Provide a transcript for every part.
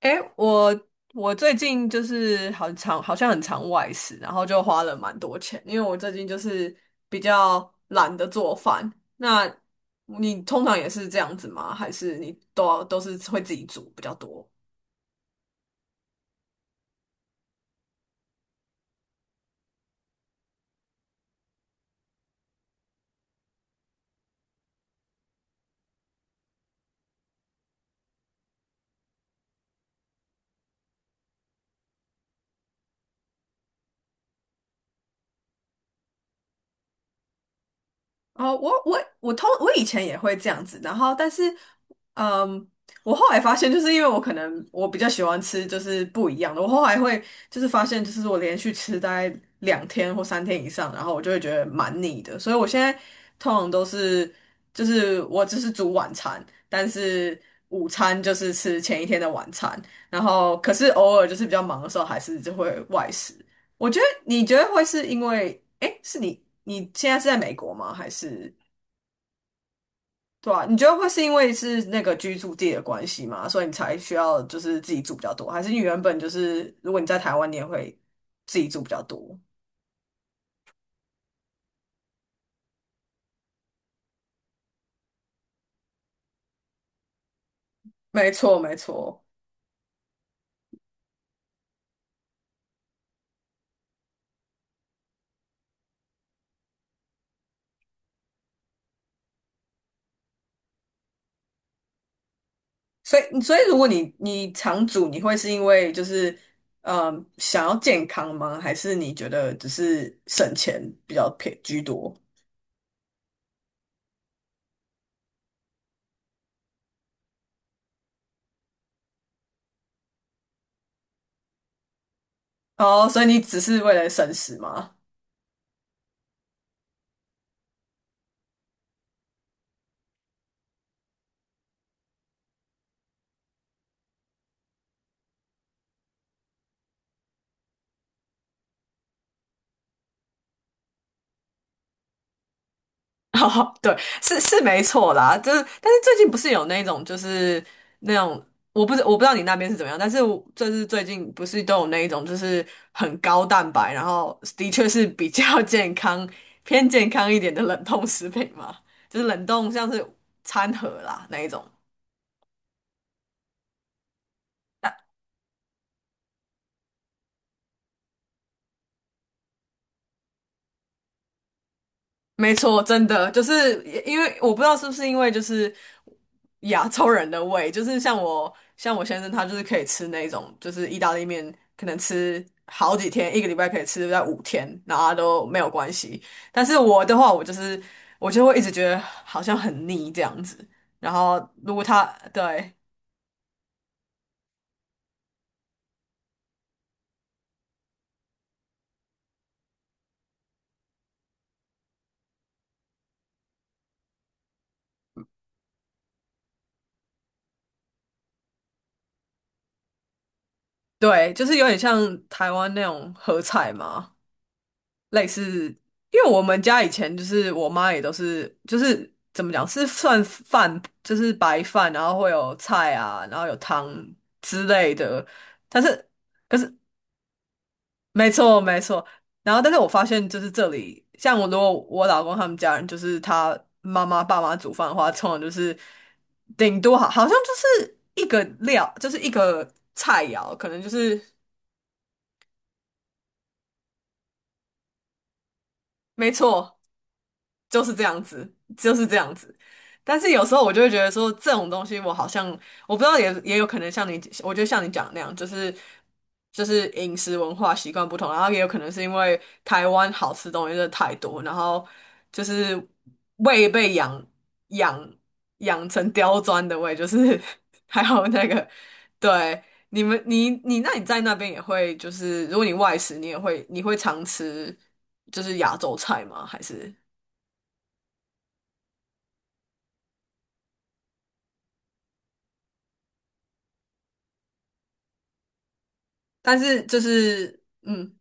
诶，我最近就是很常，好像很常外食，然后就花了蛮多钱，因为我最近就是比较懒得做饭。那你通常也是这样子吗？还是你都是会自己煮比较多？哦，我以前也会这样子，然后但是，嗯，我后来发现，就是因为我可能我比较喜欢吃就是不一样的，我后来会就是发现，就是我连续吃大概两天或三天以上，然后我就会觉得蛮腻的，所以我现在通常都是就是我只是煮晚餐，但是午餐就是吃前一天的晚餐，然后可是偶尔就是比较忙的时候，还是就会外食。我觉得你觉得会是因为，哎，你现在是在美国吗？还是对啊？你觉得会是因为是那个居住地的关系吗？所以你才需要就是自己住比较多，还是你原本就是如果你在台湾，你也会自己住比较多？没错，没错。所以如果你常煮，你会是因为就是想要健康吗？还是你觉得只是省钱比较偏居多？哦，所以你只是为了省食吗？哦，对，是是没错啦，就是，但是最近不是有那种，就是那种，我不知道你那边是怎么样，但是我就是最近不是都有那一种，就是很高蛋白，然后的确是比较 健康、偏健康一点的冷冻食品嘛，就是冷冻像是餐盒啦那一种。没错，真的就是因为我不知道是不是因为就是亚洲人的胃，就是像我先生他就是可以吃那种就是意大利面，可能吃好几天，一个礼拜可以吃在五天，然后他都没有关系。但是我的话，我就是我就会一直觉得好像很腻这样子。然后如果他对对，就是有点像台湾那种合菜嘛，类似，因为我们家以前就是我妈也都是，就是怎么讲，是算饭，就是白饭，然后会有菜啊，然后有汤之类的。但是，可是没错没错。然后，但是我发现就是这里，像我如果我老公他们家人，就是他妈妈爸妈煮饭的话，通常就是顶多好好像就是一个料，就是一个菜肴，可能就是没错。就是这样子，就是这样子。但是有时候我就会觉得说，这种东西我好像我不知道也，也有可能像你，我觉得像你讲的那样，就是就是饮食文化习惯不同，然后也有可能是因为台湾好吃东西真的太多，然后就是胃被养养成刁钻的胃，就是 还有那个对你们你你那你在那边也会就是如果你外食，你会常吃就是亚洲菜吗？还是？但是就是，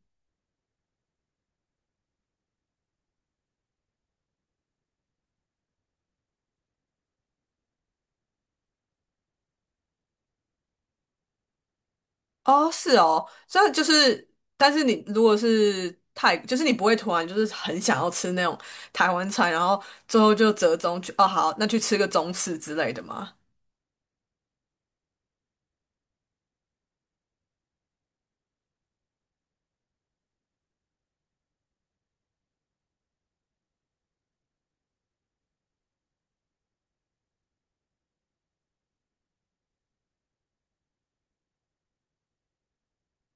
哦，是哦，所以就是，但是你如果是太，就是你不会突然就是很想要吃那种台湾菜，然后最后就折中去，哦，好，那去吃个中式之类的嘛，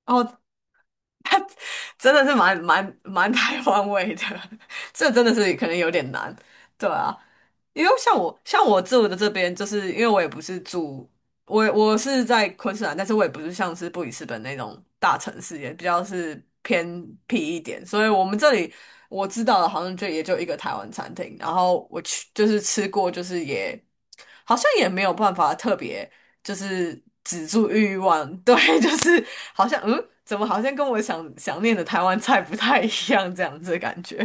哦。真的是蛮台湾味的，这真的是可能有点难，对啊，因为像我住的这边，就是因为我也不是住，我是在昆士兰，但是我也不是像是布里斯本那种大城市，也比较是偏僻一点，所以我们这里我知道的好像就也就一个台湾餐厅，然后我去就是吃过，就是也。好像也没有办法特别就是止住欲望，对，就是好像怎么好像跟我想念的台湾菜不太一样这样子的感觉，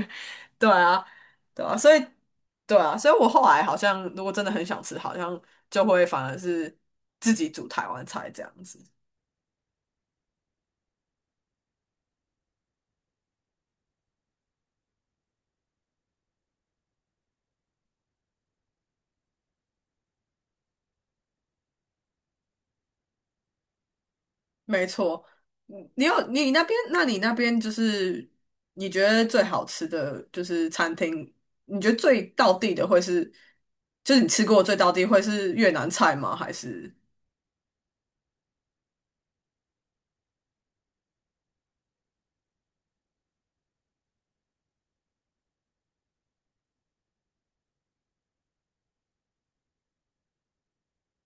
对啊，对啊，所以对啊，所以我后来好像如果真的很想吃，好像就会反而是自己煮台湾菜这样子。没错，你有你那边，那你那边就是你觉得最好吃的就是餐厅，你觉得最到地的会是，就是你吃过最到地会是越南菜吗？还是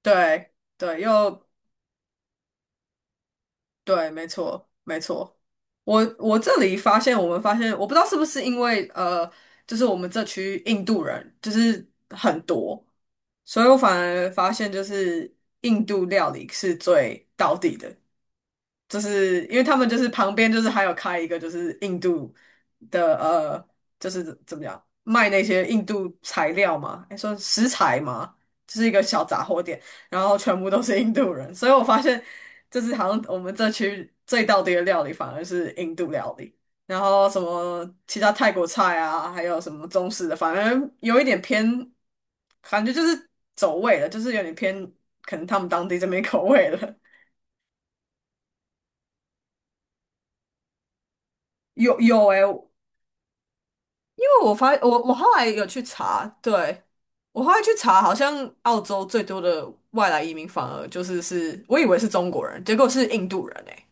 对对又对，没错没错。我我这里发现，我们发现，我不知道是不是因为就是我们这区印度人就是很多，所以我反而发现就是印度料理是最到地的。就是因为他们就是旁边就是还有开一个就是印度的就是怎么样卖那些印度材料嘛，哎，说食材嘛，就是一个小杂货店，然后全部都是印度人，所以我发现就是好像我们这区最道地的料理反而是印度料理，然后什么其他泰国菜啊，还有什么中式的，反而有一点偏，感觉就是走味了，就是有点偏可能他们当地这边口味了。有有诶、因为我发我我后来有去查，对，我后来去查，好像澳洲最多的外来移民反而就是是我以为是中国人，结果是印度人诶、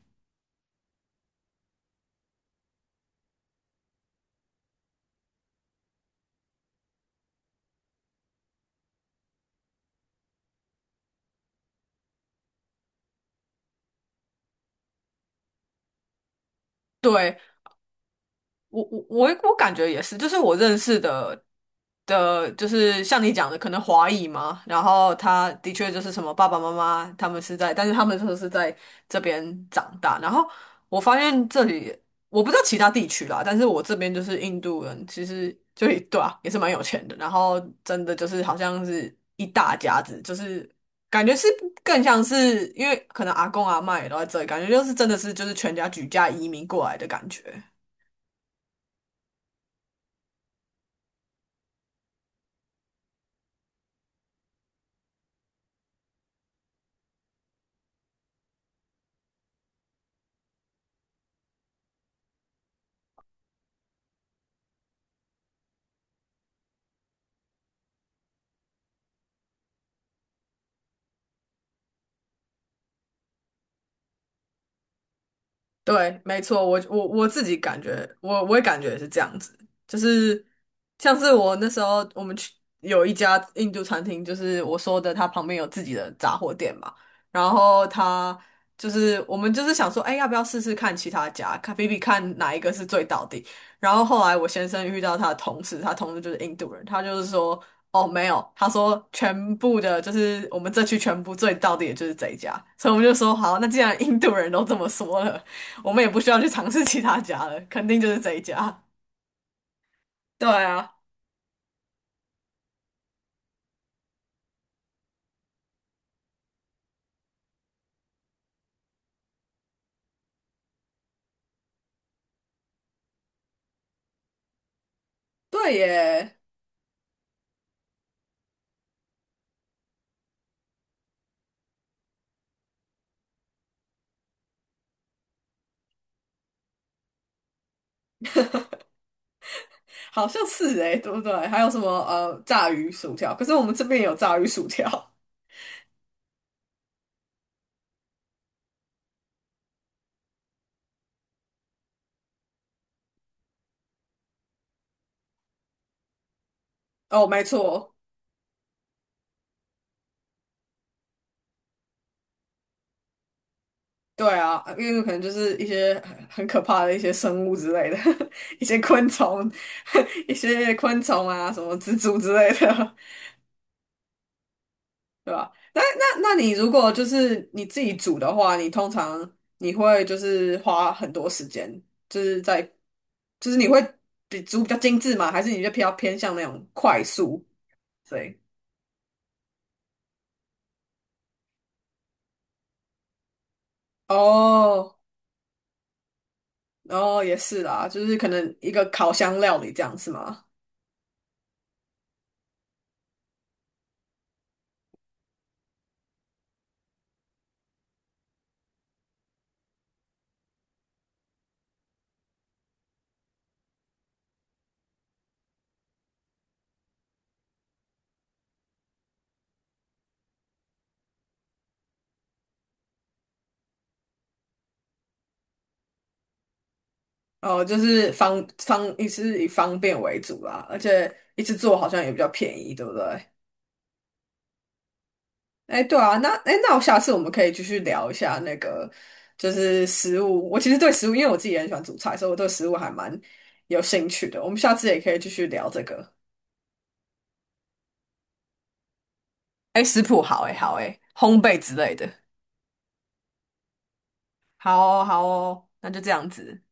对我感觉也是，就是我认识的的，就是像你讲的，可能华裔嘛，然后他的确就是什么爸爸妈妈他们是在，但是他们都是在这边长大，然后我发现这里我不知道其他地区啦，但是我这边就是印度人，其实就也对啊，也是蛮有钱的，然后真的就是好像是一大家子，就是感觉是更像是因为可能阿公阿嬷也都在这里，感觉就是真的是就是全家举家移民过来的感觉。对，没错，我自己感觉，我也感觉也是这样子，就是像是我那时候我们去有一家印度餐厅，就是我说的，它旁边有自己的杂货店嘛，然后他就是我们就是想说，哎，要不要试试看其他家，看比比看哪一个是最到底。然后后来我先生遇到他的同事，他同事就是印度人，他就是说，哦，没有，他说全部的，就是我们这区全部最到底的就是这一家，所以我们就说，好，那既然印度人都这么说了。我们也不需要去尝试其他家了，肯定就是这一家。对啊，对耶，好像是诶，对不对？还有什么炸鱼薯条？可是我们这边也有炸鱼薯条。哦，没错，对啊，因为可能就是一些很可怕的一些生物之类的，一些昆虫，一些昆虫啊，什么蜘蛛之类的。对吧？那你如果就是你自己煮的话，你通常你会就是花很多时间，就是在就是你会比较精致吗？还是你就比较偏向那种快速？对，哦哦也是啦，就是可能一个烤箱料理这样是吗？哦，就是方也是以方便为主啦，而且一次做好像也比较便宜，对不对？哎，对啊，那哎，那我下次我们可以继续聊一下那个，就是食物。我其实对食物，因为我自己也很喜欢煮菜，所以我对食物还蛮有兴趣的。我们下次也可以继续聊这个。哎，食谱好哎，好哎，烘焙之类的，好哦，好哦，那就这样子。